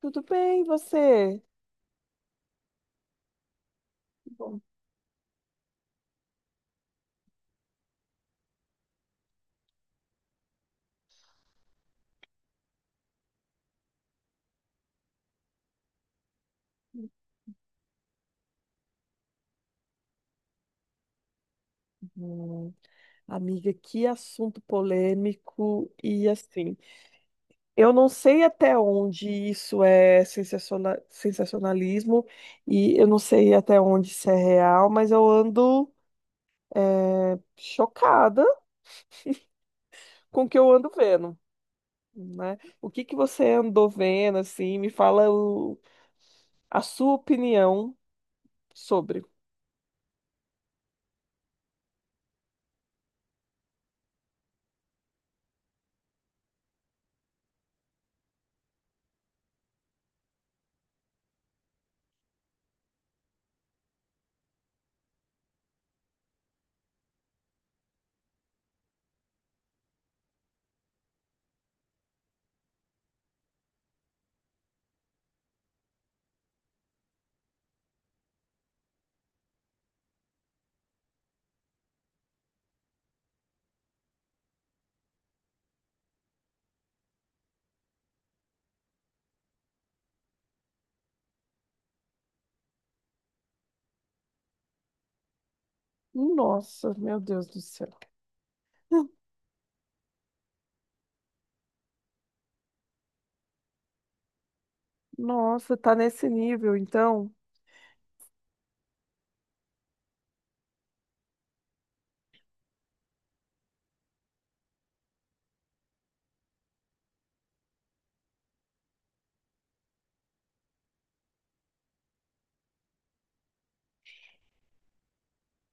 Tudo bem, e você? Bom. Hum, Amiga, que assunto polêmico. E assim, eu não sei até onde isso é sensacionalismo e eu não sei até onde isso é real, mas eu ando chocada com o que eu ando vendo, né? O que que você andou vendo, assim? Me fala a sua opinião sobre. Nossa, meu Deus do céu. Nossa, tá nesse nível, então.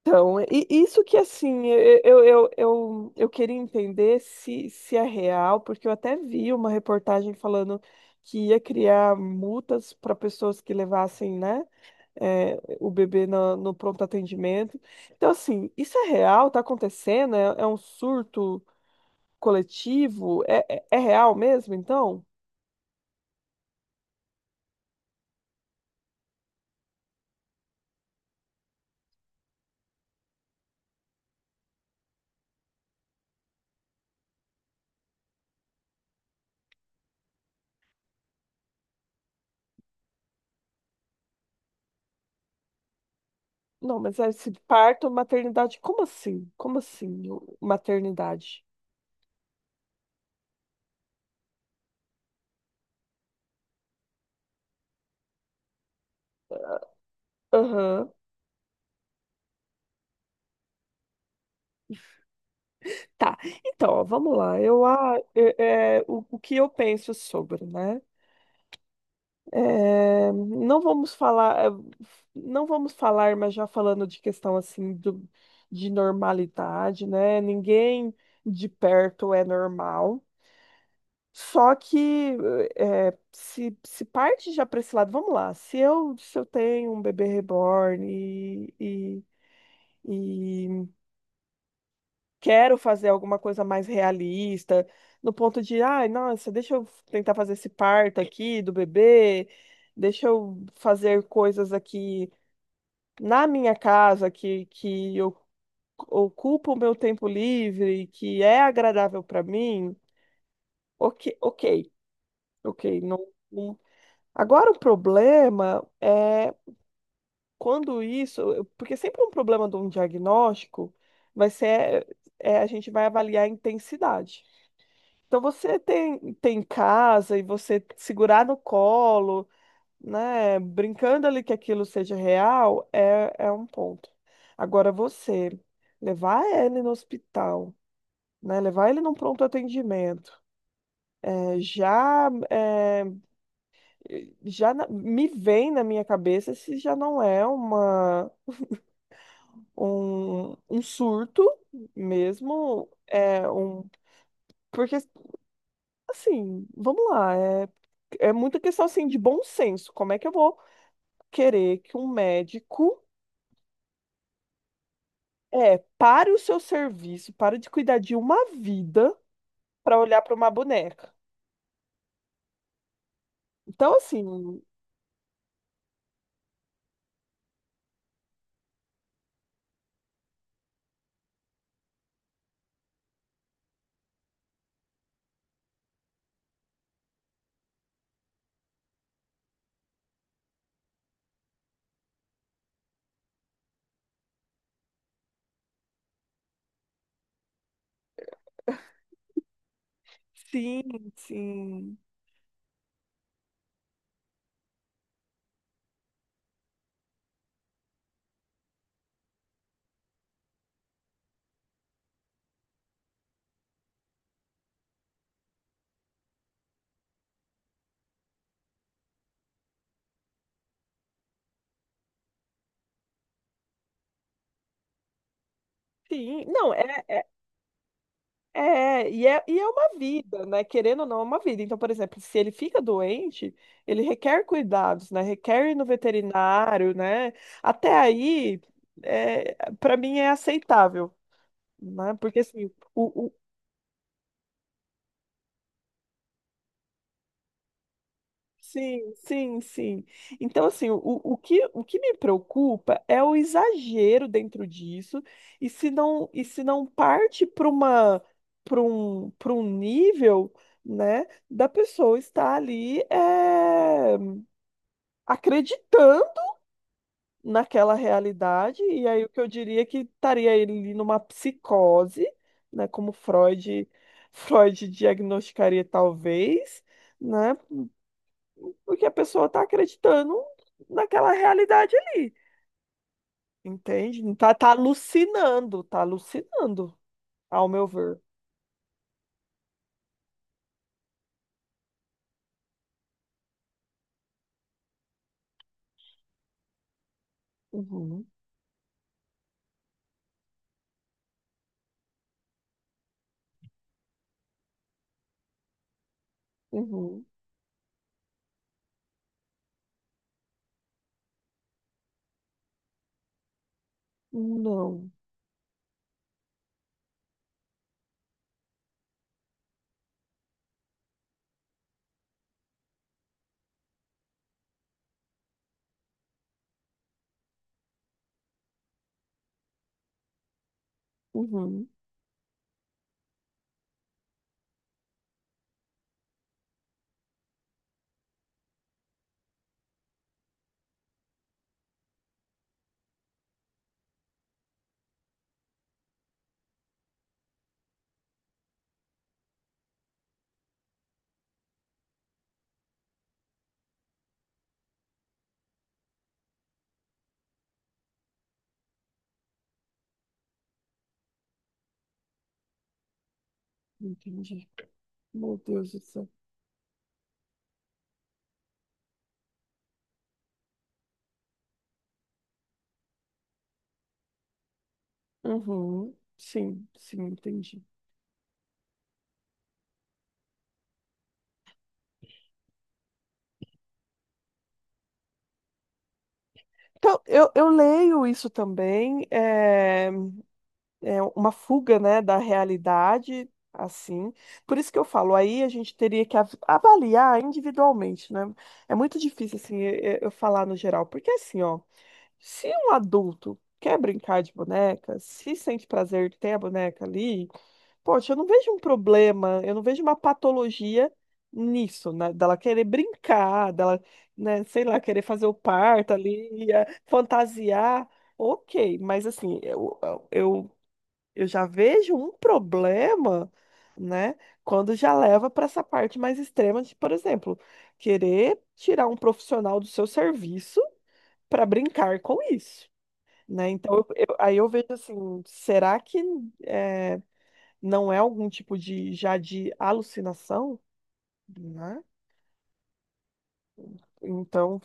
Então, e isso que assim, eu queria entender se, se é real, porque eu até vi uma reportagem falando que ia criar multas para pessoas que levassem, né, o bebê no, no pronto atendimento. Então, assim, isso é real? Tá acontecendo? É, é um surto coletivo? É real mesmo, então? Não, mas é esse parto, maternidade, como assim? Como assim, maternidade? Aham. Tá, então, ó, vamos lá. Eu, ah, é, é, o que eu penso sobre, né? Não vamos falar, não vamos falar, mas já falando de questão assim do, de normalidade, né? Ninguém de perto é normal. Só que é, se parte já para esse lado, vamos lá. Se eu tenho um bebê reborn e quero fazer alguma coisa mais realista, no ponto de, ai, nossa, deixa eu tentar fazer esse parto aqui do bebê, deixa eu fazer coisas aqui na minha casa que eu ocupo o meu tempo livre, que é agradável para mim. Ok, ok, ok. Não, não- Agora o problema é quando isso, porque é sempre um problema de um diagnóstico vai ser, a gente vai avaliar a intensidade. Então você tem, tem em casa e você segurar no colo, né? Brincando ali que aquilo seja real, é, é um ponto. Agora você levar ele no hospital, né? Levar ele num pronto atendimento, é, já é, me vem na minha cabeça se já não é uma um, um surto mesmo, é um porque assim, vamos lá. É muita questão assim de bom senso. Como é que eu vou querer que um médico pare o seu serviço, pare de cuidar de uma vida para olhar para uma boneca? Então, assim, sim, sim. Sim, não, é, é, é, e é, E é uma vida, né? Querendo ou não, é uma vida. Então, por exemplo, se ele fica doente, ele requer cuidados, né? Requer ir no veterinário, né? Até aí, para mim é aceitável, né? Porque assim, o, Sim, sim, sim. Então, assim, o que me preocupa é o exagero dentro disso, e se não parte para um nível, né, da pessoa estar ali acreditando naquela realidade, e aí o que eu diria é que estaria ele ali numa psicose, né, como Freud, Freud diagnosticaria talvez, né? Porque a pessoa tá acreditando naquela realidade ali, entende? Tá, tá alucinando, ao meu ver. Uhum, uhum, não, uhum, entendi. Meu Deus do céu. Uhum, sim, sim, entendi. Então, eu leio isso também, uma fuga, né, da realidade, assim. Por isso que eu falo, aí a gente teria que avaliar individualmente, né? É muito difícil, assim, eu falar no geral, porque assim, ó, se um adulto quer brincar de boneca, se sente prazer de ter a boneca ali, poxa, eu não vejo um problema, eu não vejo uma patologia nisso, né? Dela querer brincar, dela, né, sei lá, querer fazer o parto ali, fantasiar. Ok, mas assim, eu eu já vejo um problema, né, quando já leva para essa parte mais extrema de, por exemplo, querer tirar um profissional do seu serviço para brincar com isso, né? Então, aí eu vejo assim, será que é, não é algum tipo de já de alucinação, né? Então,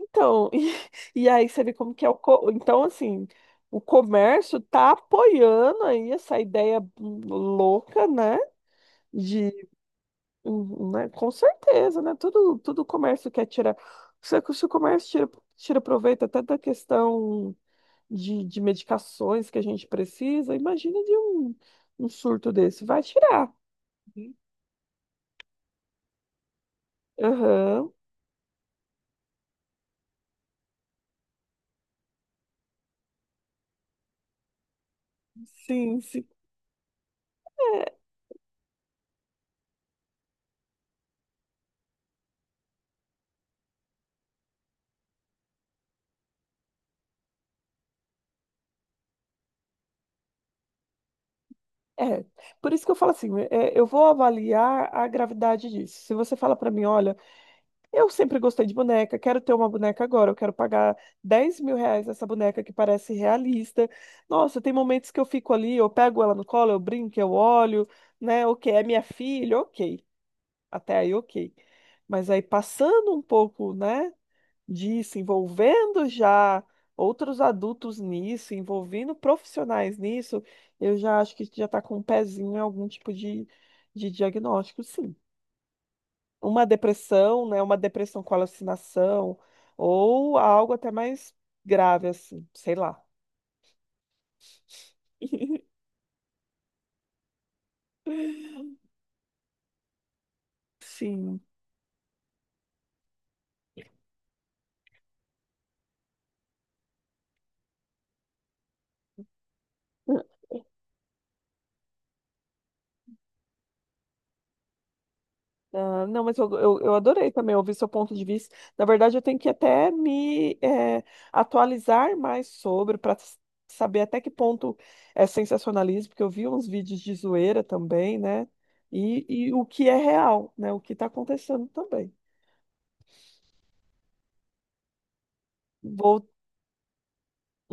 então, e aí você vê como que é então assim, o comércio tá apoiando aí essa ideia louca, né? Uhum, né? Com certeza, né? Tudo comércio quer tirar. Se o comércio tira, tira proveito até da questão de medicações que a gente precisa, imagina de um surto desse. Vai tirar. Uhum. Aham, sim, sim. É, é. Por isso que eu falo assim, é, eu vou avaliar a gravidade disso. Se você fala para mim, olha. Eu sempre gostei de boneca, quero ter uma boneca agora, eu quero pagar 10 mil reais nessa boneca que parece realista. Nossa, tem momentos que eu fico ali, eu pego ela no colo, eu brinco, eu olho, né? Ok, é minha filha, ok. Até aí, ok. Mas aí passando um pouco, né, disso, envolvendo já outros adultos nisso, envolvendo profissionais nisso, eu já acho que já está com um pezinho em algum tipo de diagnóstico, sim, uma depressão, né? Uma depressão com alucinação, ou algo até mais grave, assim, sei lá. Sim. Ah, não, mas eu adorei também ouvir seu ponto de vista. Na verdade, eu tenho que até me atualizar mais sobre para saber até que ponto é sensacionalismo, porque eu vi uns vídeos de zoeira também, né? E o que é real, né? O que está acontecendo também. Vou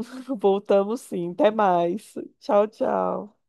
Voltamos, sim. Até mais. Tchau, tchau.